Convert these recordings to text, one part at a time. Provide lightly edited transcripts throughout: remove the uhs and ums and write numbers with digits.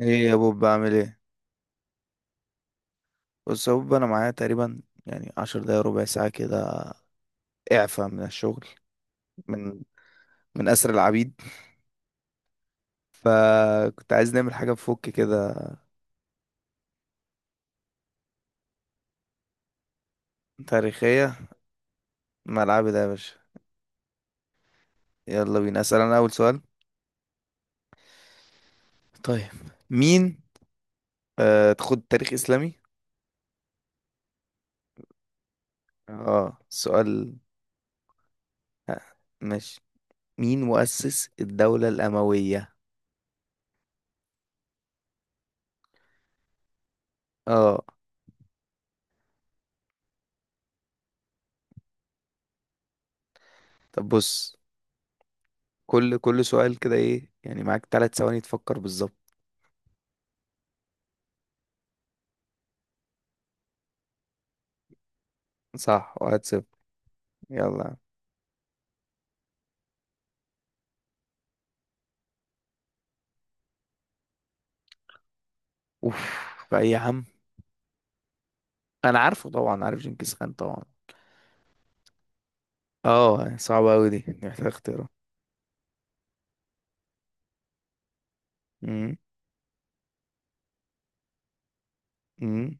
ايه يا بوب، بعمل ايه؟ بص يا بوب، انا معايا تقريبا يعني عشر دقايق ربع ساعة كده اعفى من الشغل. من من اسر العبيد. فكنت عايز نعمل حاجة بفك كده. تاريخية. ملعبي ده يا باشا. يلا بينا، اسأل انا اول سؤال. طيب. مين... تاخد تاريخ اسلامي. اه، سؤال. آه، ماشي. مين مؤسس الدولة الأموية؟ اه. طب بص. كل سؤال كده ايه يعني معاك ثلاث ثواني تفكر بالظبط. صح، واحد صفر. يلا. اوف. بقى إيه يا عم؟ انا عارفه طبعا، عارف جنكيز خان طبعا. اه، صعبة اوي دي، محتاج اختيارها. امم امم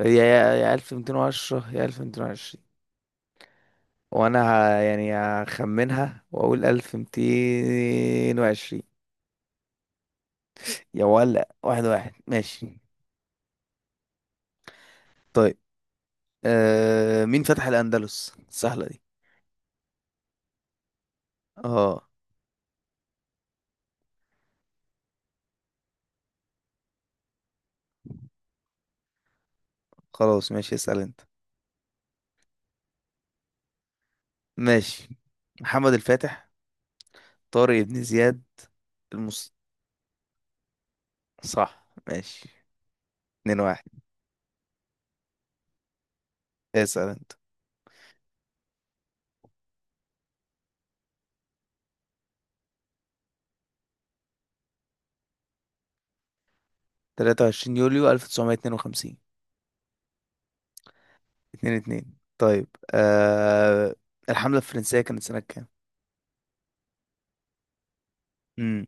يا 1210 يا 1220. وانا يعني هخمنها واقول 1220. يا ولا واحد واحد، ماشي. طيب. مين فتح الاندلس؟ سهلة دي. اه. خلاص، ماشي، اسأل انت. ماشي. محمد الفاتح. طارق بن زياد. المس صح، ماشي. اتنين واحد. اسأل انت. 23 يوليو 1952. اتنين اتنين، طيب. آه... الحملة الفرنسية كانت سنة كام؟ امم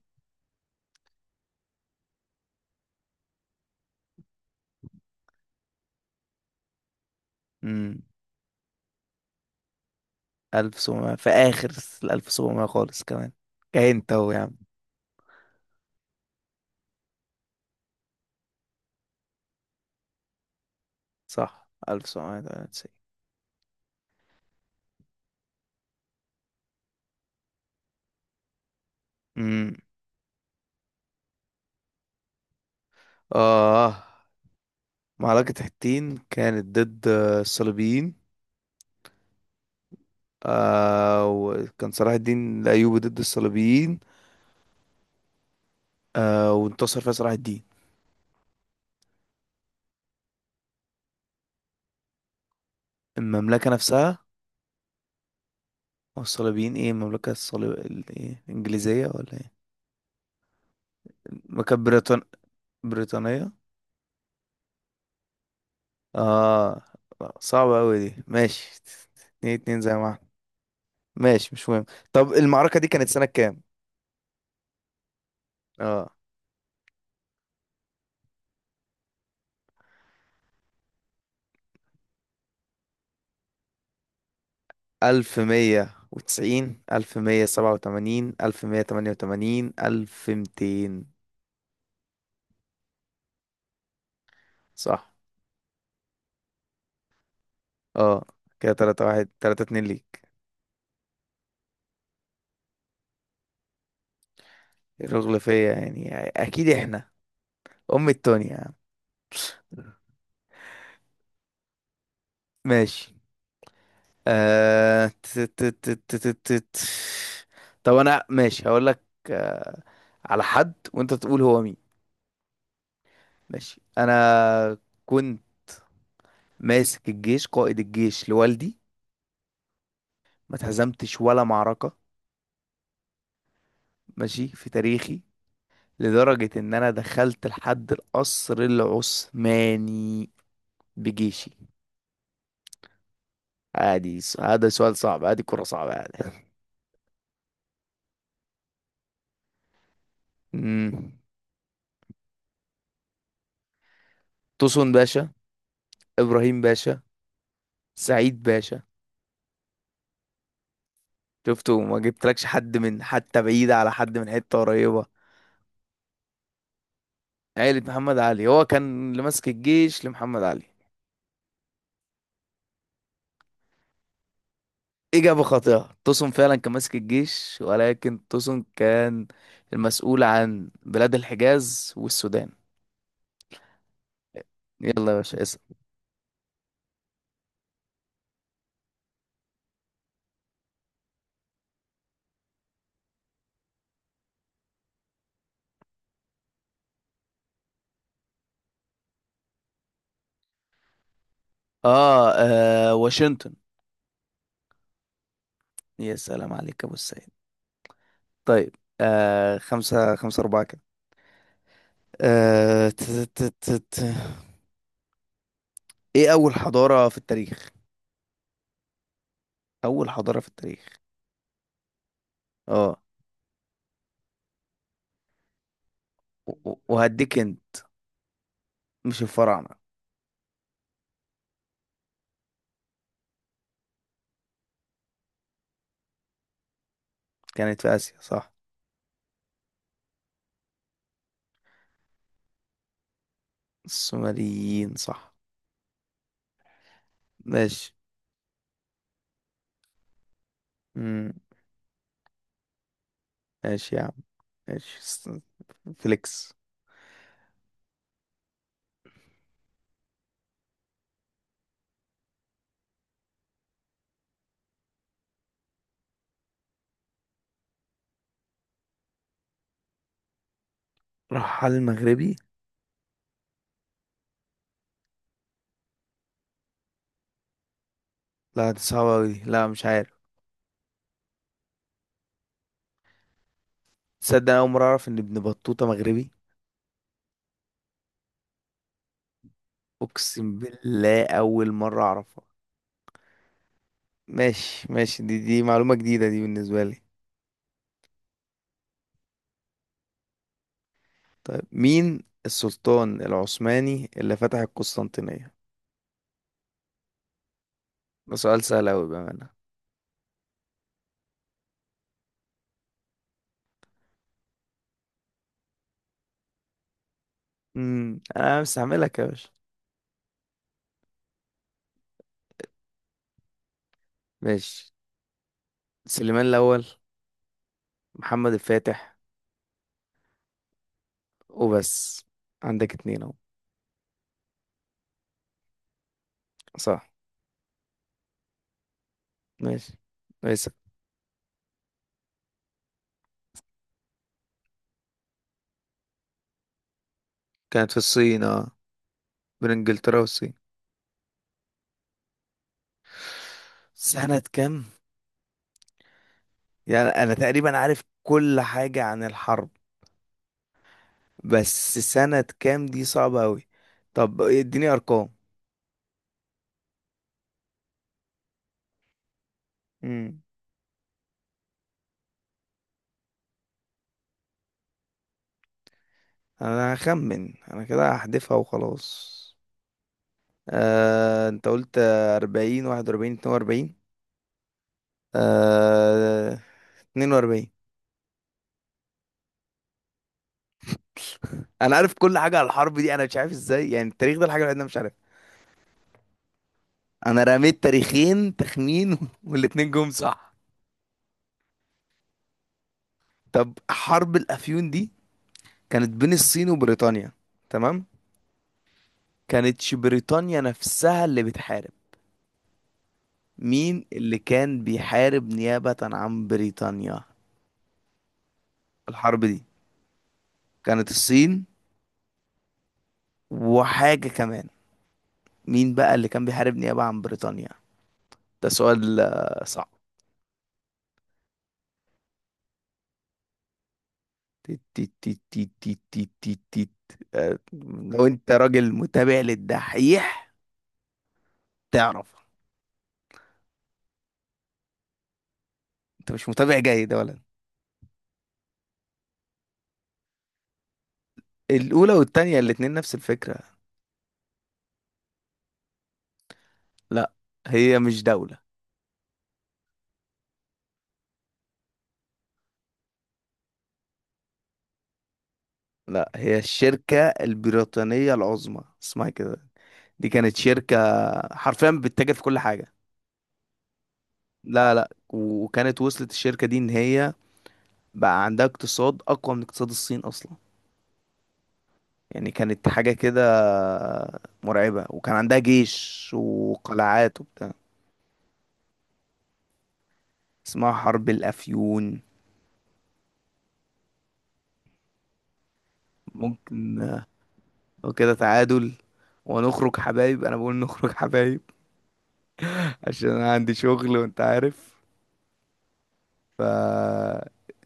امم ألف سبعمية في آخر. الألف سبعمية خالص كمان. كاين أهو يا عم. صح، 1798. امم آه، معركة حطين كانت ضد الصليبيين. وكان صلاح الدين الأيوبي ضد الصليبيين. وانتصر فيها صلاح الدين. المملكة نفسها. هو الصليبيين ايه المملكة الصليب ايه الإنجليزية ولا ايه؟ المملكة بريطانية. اه، صعبة أوي دي، ماشي. اتنين اتنين زي ما احنا. ماشي، مش مهم. طب المعركة دي كانت سنة كام؟ اه. 1090، 1187، 1188، 1200. صح. اه. كده، تلاتة واحد، تلاتة اتنين ليك. رغل فيا يعني أكيد احنا. أم التونيا. ماشي. آه... ت- ت- ت- ت- ت- ت- ت- طب انا، ماشي، هقول لك. آه... على حد وانت تقول هو مين. ماشي انا. كنت ماسك الجيش، قائد الجيش لوالدي. ما اتهزمتش ولا معركة. ماشي في تاريخي. لدرجة ان انا دخلت لحد القصر العثماني بجيشي. عادي هذا سؤال صعب عادي، كرة صعبة عادي. مم. توسون باشا. ابراهيم باشا. سعيد باشا. شفته ما جبتلكش حد من حتى بعيد على حد من حتة قريبة. عيلة محمد علي، هو كان اللي ماسك الجيش لمحمد علي. إجابة خاطئة. توسون فعلا كان ماسك الجيش، ولكن توسون كان المسؤول عن بلاد الحجاز والسودان. يلا يا باشا، اسأل. واشنطن. يا سلام عليك يا أبو السيد. طيب. خمسة خمسة أربعة كده. آه ت- ت- ت- ت- إيه أول حضارة في التاريخ؟ أول حضارة في التاريخ. آه. وهديك هنت. مش الفراعنة. كانت في آسيا صح. السومريين صح. ماشي. مم. ماشي يا عم. ماشي فليكس. راح على المغربي. لا، دي صعبة أوي دي. لا، مش عارف. تصدق أنا أول مرة أعرف إن ابن بطوطة مغربي. أقسم بالله أول مرة أعرفها. ماشي، ماشي، دي معلومة جديدة دي بالنسبة لي. طيب، مين السلطان العثماني اللي فتح القسطنطينية؟ ده سؤال سهل أوي بأمانة. أنا مستعملك يا باشا. ماشي. سليمان الأول. محمد الفاتح. وبس. عندك اتنين اهو. صح. ماشي. كويس. كانت في الصين، اه. بين انجلترا والصين. سنة كام؟ يعني أنا تقريبا عارف كل حاجة عن الحرب. بس سنة كام دي صعبة أوي. طب اديني أرقام. امم أنا هخمن أنا كده هحذفها وخلاص. أنت قلت أربعين، واحد وأربعين، اتنين وأربعين. آه، اتنين وأربعين. انا عارف كل حاجه على الحرب دي. انا مش عارف ازاي، يعني التاريخ ده الحاجه الوحيده اللي انا مش عارفها. انا رميت تاريخين تخمين والاتنين جم صح. طب حرب الافيون دي كانت بين الصين وبريطانيا. تمام. كانتش بريطانيا نفسها اللي بتحارب. مين اللي كان بيحارب نيابة عن بريطانيا؟ الحرب دي كانت الصين وحاجة كمان. مين بقى اللي كان بيحارب نيابة عن بريطانيا؟ ده سؤال صعب. تيت تيت تيت تيت تيت تيت تيت تيت. آه، لو انت راجل متابع للدحيح تعرف. انت مش متابع جيد ولا؟ الاولى والتانية الاتنين نفس الفكرة. لا، هي مش دولة. لا، هي الشركة البريطانية العظمى، اسمها كده. دي كانت شركة، حرفيا بتتاجر في كل حاجة. لا، لا، وكانت وصلت الشركة دي ان هي بقى عندها اقتصاد اقوى من اقتصاد الصين اصلا. يعني كانت حاجة كده مرعبة، وكان عندها جيش وقلعات وبتاع. اسمها حرب الافيون. ممكن، لو كده تعادل ونخرج حبايب. انا بقول نخرج حبايب. عشان انا عندي شغل وانت عارف. ف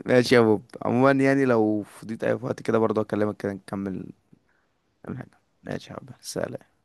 ماشي يا بوب، عموما يعني لو فضيت اي وقت كده برضه اكلمك كده نكمل. نكمل حاجة، ماشي يا حبيبي، سلام.